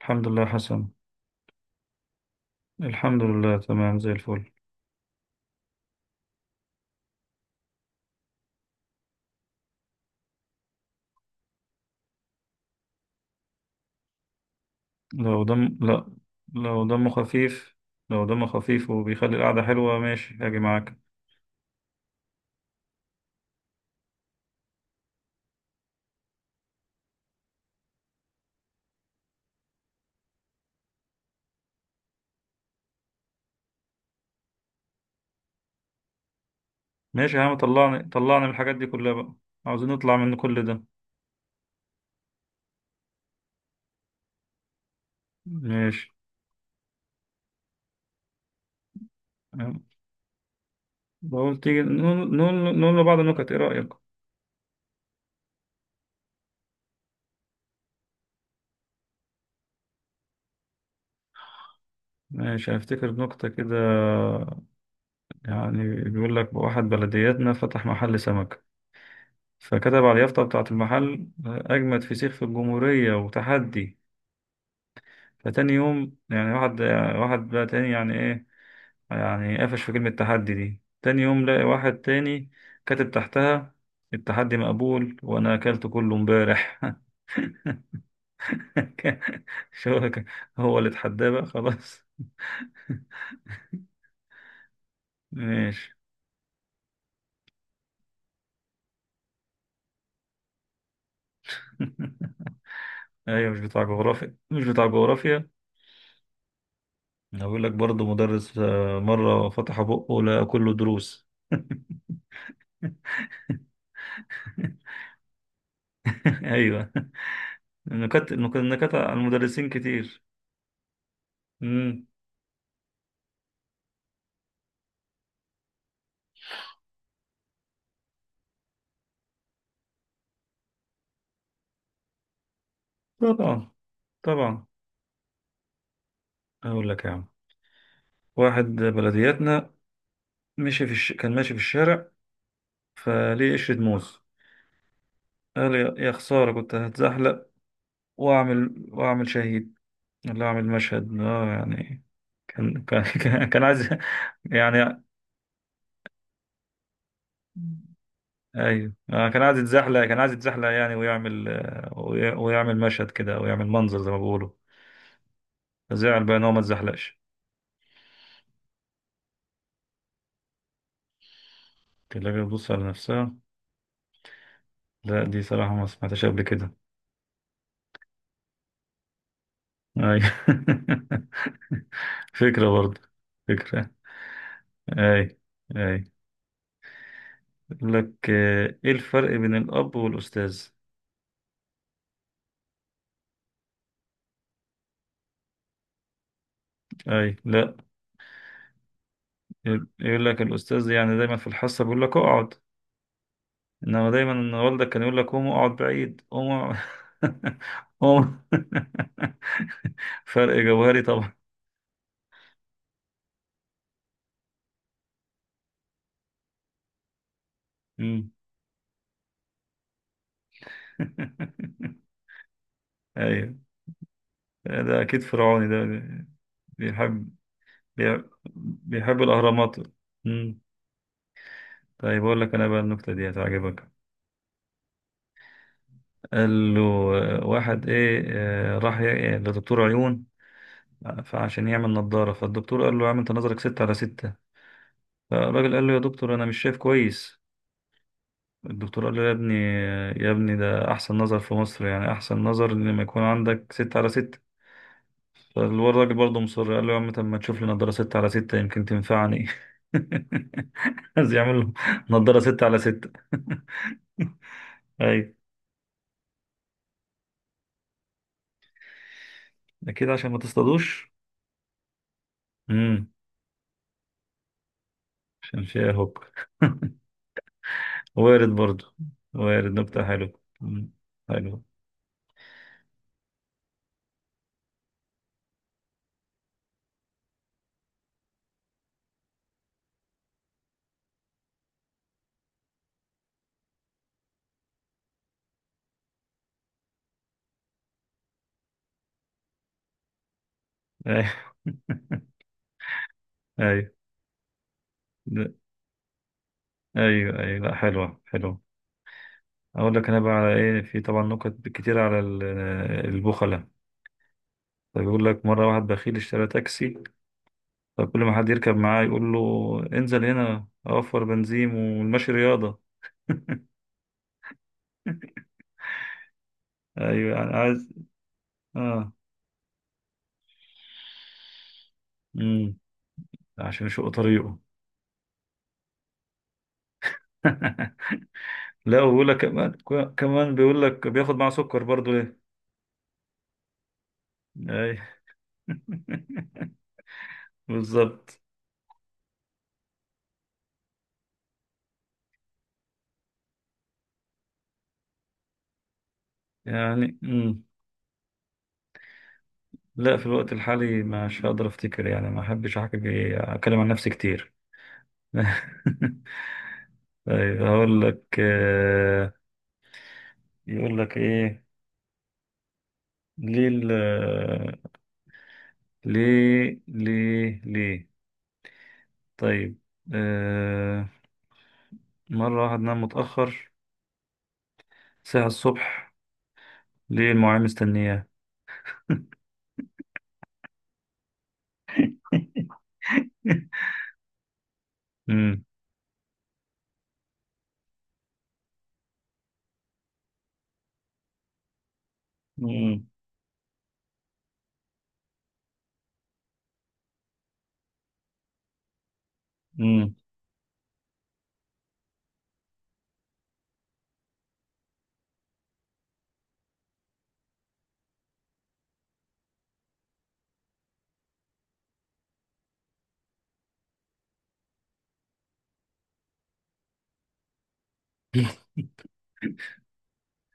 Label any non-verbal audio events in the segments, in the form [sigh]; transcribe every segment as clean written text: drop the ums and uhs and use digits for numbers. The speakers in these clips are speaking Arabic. الحمد لله حسن. الحمد لله، تمام زي الفل. لو دم لا، لو دمه خفيف لو دمه خفيف وبيخلي القعدة حلوة، ماشي هاجي معاك. ماشي يا عم، طلعني طلعني من الحاجات دي كلها بقى. عاوزين نطلع من كل ده. ماشي. بقول تيجي نقول لبعض النكت، ايه رأيك؟ ماشي، هفتكر نكتة كده. يعني بيقول لك واحد بلدياتنا فتح محل سمك، فكتب على اليافطة بتاعة المحل: أجمد فسيخ في الجمهورية، وتحدي. فتاني يوم يعني واحد، واحد بقى تاني يعني ايه، يعني قفش في كلمة تحدي دي. تاني يوم لاقي واحد تاني كاتب تحتها: التحدي مقبول وانا اكلت كله امبارح. [laughs] شو، هو اللي اتحداه بقى، خلاص. [laughs] ماشي. [laughs] ايوه، مش بتاع جغرافيا، مش بتاع جغرافيا. هقول لك برضه مدرس، مرة فتح بقه لقى كله دروس. [laughs] ايوه، نكت نكت نكت على المدرسين كتير. امم. طبعا، طبعا. اقول لك يا عم، واحد بلدياتنا كان ماشي في الشارع، فليه قشرة موز. قال: يا خسارة، كنت هتزحلق، واعمل شهيد، ولا اعمل مشهد، يعني. كان [laughs] كان عايز [laughs] يعني ايوه، كان عايز يتزحلق، كان عايز يتزحلق يعني، ويعمل ويعمل مشهد كده، او يعمل منظر زي ما بيقولوا. فزعل بقى ان هو ما اتزحلقش. الكلاب بتبص على نفسها. لا، دي صراحة ما سمعتهاش قبل كده. ايوه. [laughs] فكرة برضه. فكرة. اي، اي. يقول لك ايه الفرق بين الاب والاستاذ؟ اي، لا. يقول لك الاستاذ يعني دايما في الحصه بيقول لك اقعد، انما دايما ان والدك كان يقول لك قوم اقعد بعيد، [laughs] قوم. [laughs] فرق جوهري طبعا. مم. [laughs] ايوه، ده اكيد فرعوني ده. بيحب بيحب بيحب الاهرامات. مم. طيب، اقول لك انا بقى النكته دي هتعجبك. قال له: واحد راح لدكتور عيون، فعشان يعمل نظارة. فالدكتور قال له: يا عم، انت نظرك 6/6. فالراجل قال له: يا دكتور، انا مش شايف كويس. الدكتور قال له: يا ابني، يا ابني، ده احسن نظر في مصر، يعني احسن نظر ان لما يكون عندك 6/6. فالراجل برضه مصر قال له: يا عم، طب ما تشوف لي نظارة 6/6، يمكن تنفعني. [laughs] عايز يعمل له نظارة 6/6. [laughs] ايوه، اكيد عشان ما تصطادوش. امم. عشان فيها هوك. [laughs] وارد برضو، وارد. نكتة حلوة. مم. حلوة. أيوة. [laughs] أيوة، لا، أيوة، أيوة، لا، حلوة، حلوة. أقول لك أنا بقى على إيه، في طبعا نكت كتير على البخلة. فبيقول لك مرة واحد بخيل اشترى تاكسي، فكل ما حد يركب معاه يقول له: انزل هنا، أوفر بنزين، والمشي رياضة. أيوة، يعني عايز. آه مم. عشان يشق طريقه. [laughs] لا، وبيقول لك كمان. كمان بيقول لك بياخد معاه سكر برضو، ليه؟ أيوة. [laughs] بالظبط. يعني. مم. لا، في الوقت الحالي مش هقدر افتكر يعني، ما احبش احكي، اتكلم عن نفسي كتير. [laughs] طيب، هقول لك يقول لك ايه، ليه ليه طيب، آه، مرة واحد نام متأخر ساعة الصبح، ليه المعلم مستنياه؟ [laughs] امم. امم. امم.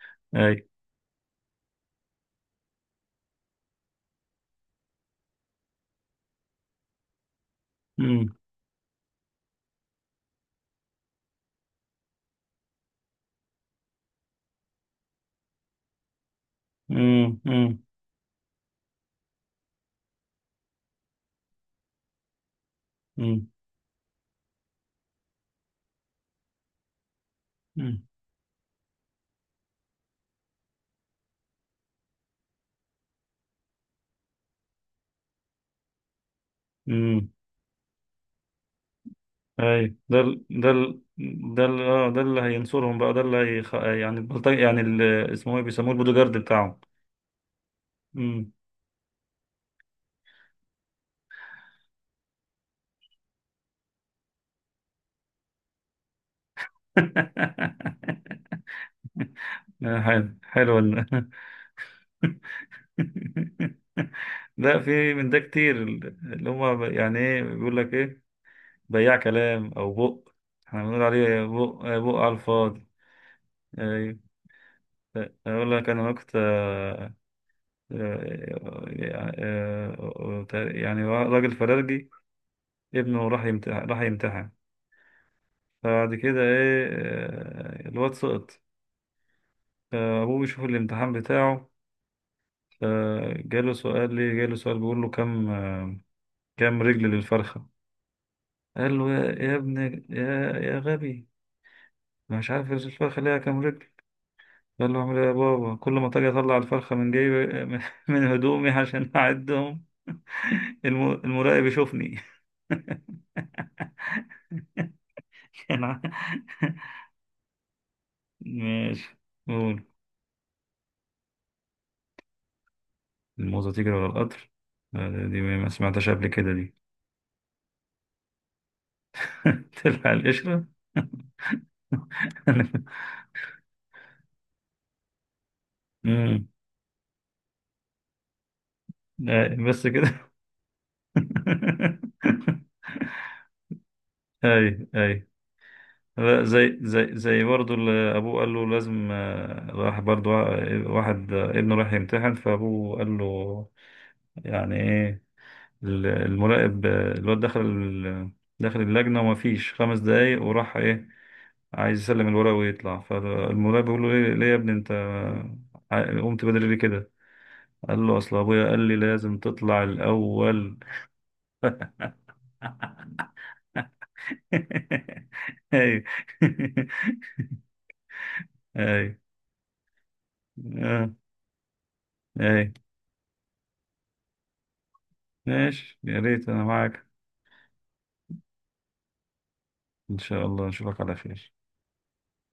[laughs] اي. امم. امم. امم. امم. اي، ده ال- ده ال- ده ال- آه، ده اللي هينصرهم بقى، ده يعني البلطجي، يعني اسمه ايه، بيسموه البودو جارد بتاعهم. امم. [laughs] حلو، حلو [laughs] لا، في من ده كتير، اللي هم يعني ايه، بيقول لك ايه: بياع كلام او بق. احنا بنقول عليه بق، بق على الفاضي. ايوه. اقول لك انا وقت يعني راجل فرارجي، ابنه راح يمتحن. فبعد كده الواد سقط. فابوه بيشوف الامتحان بتاعه، فجاله سؤال، ليه جاله سؤال بيقول له: كام رجل للفرخة؟ قال له: يا ابني، يا غبي، أنا مش عارف الفرخة ليها كام رجل. قال له: اعمل ايه يا بابا؟ كل ما تجي، اطلع الفرخة من جيبي، من هدومي عشان اعدهم، المراقب يشوفني. [laughs] كان ع- ماشي، قول. الموزة تجري ورا القطر. دي ما سمعتهاش قبل كده دي. [laughs] تلفع القشرة. [laughs] مم. أي، بس كده. [laughs] اي، اي. لا، زي برضه اللي ابوه قال له لازم، راح برضه واحد ابنه راح يمتحن، فابوه قال له يعني ايه. المراقب، الواد دخل اللجنة، وما فيش 5 دقايق، وراح ايه، عايز يسلم الورق ويطلع. فالمراقب بيقول له: ليه يا ابني انت، قمت بدري ليه كده؟ قال له: اصل ابويا قال لي لازم تطلع الاول. [laughs] ايوه. [laughs] ايوه، آه، ايوه ماشي، يا ريت انا معاك. ان شاء الله نشوفك على خير.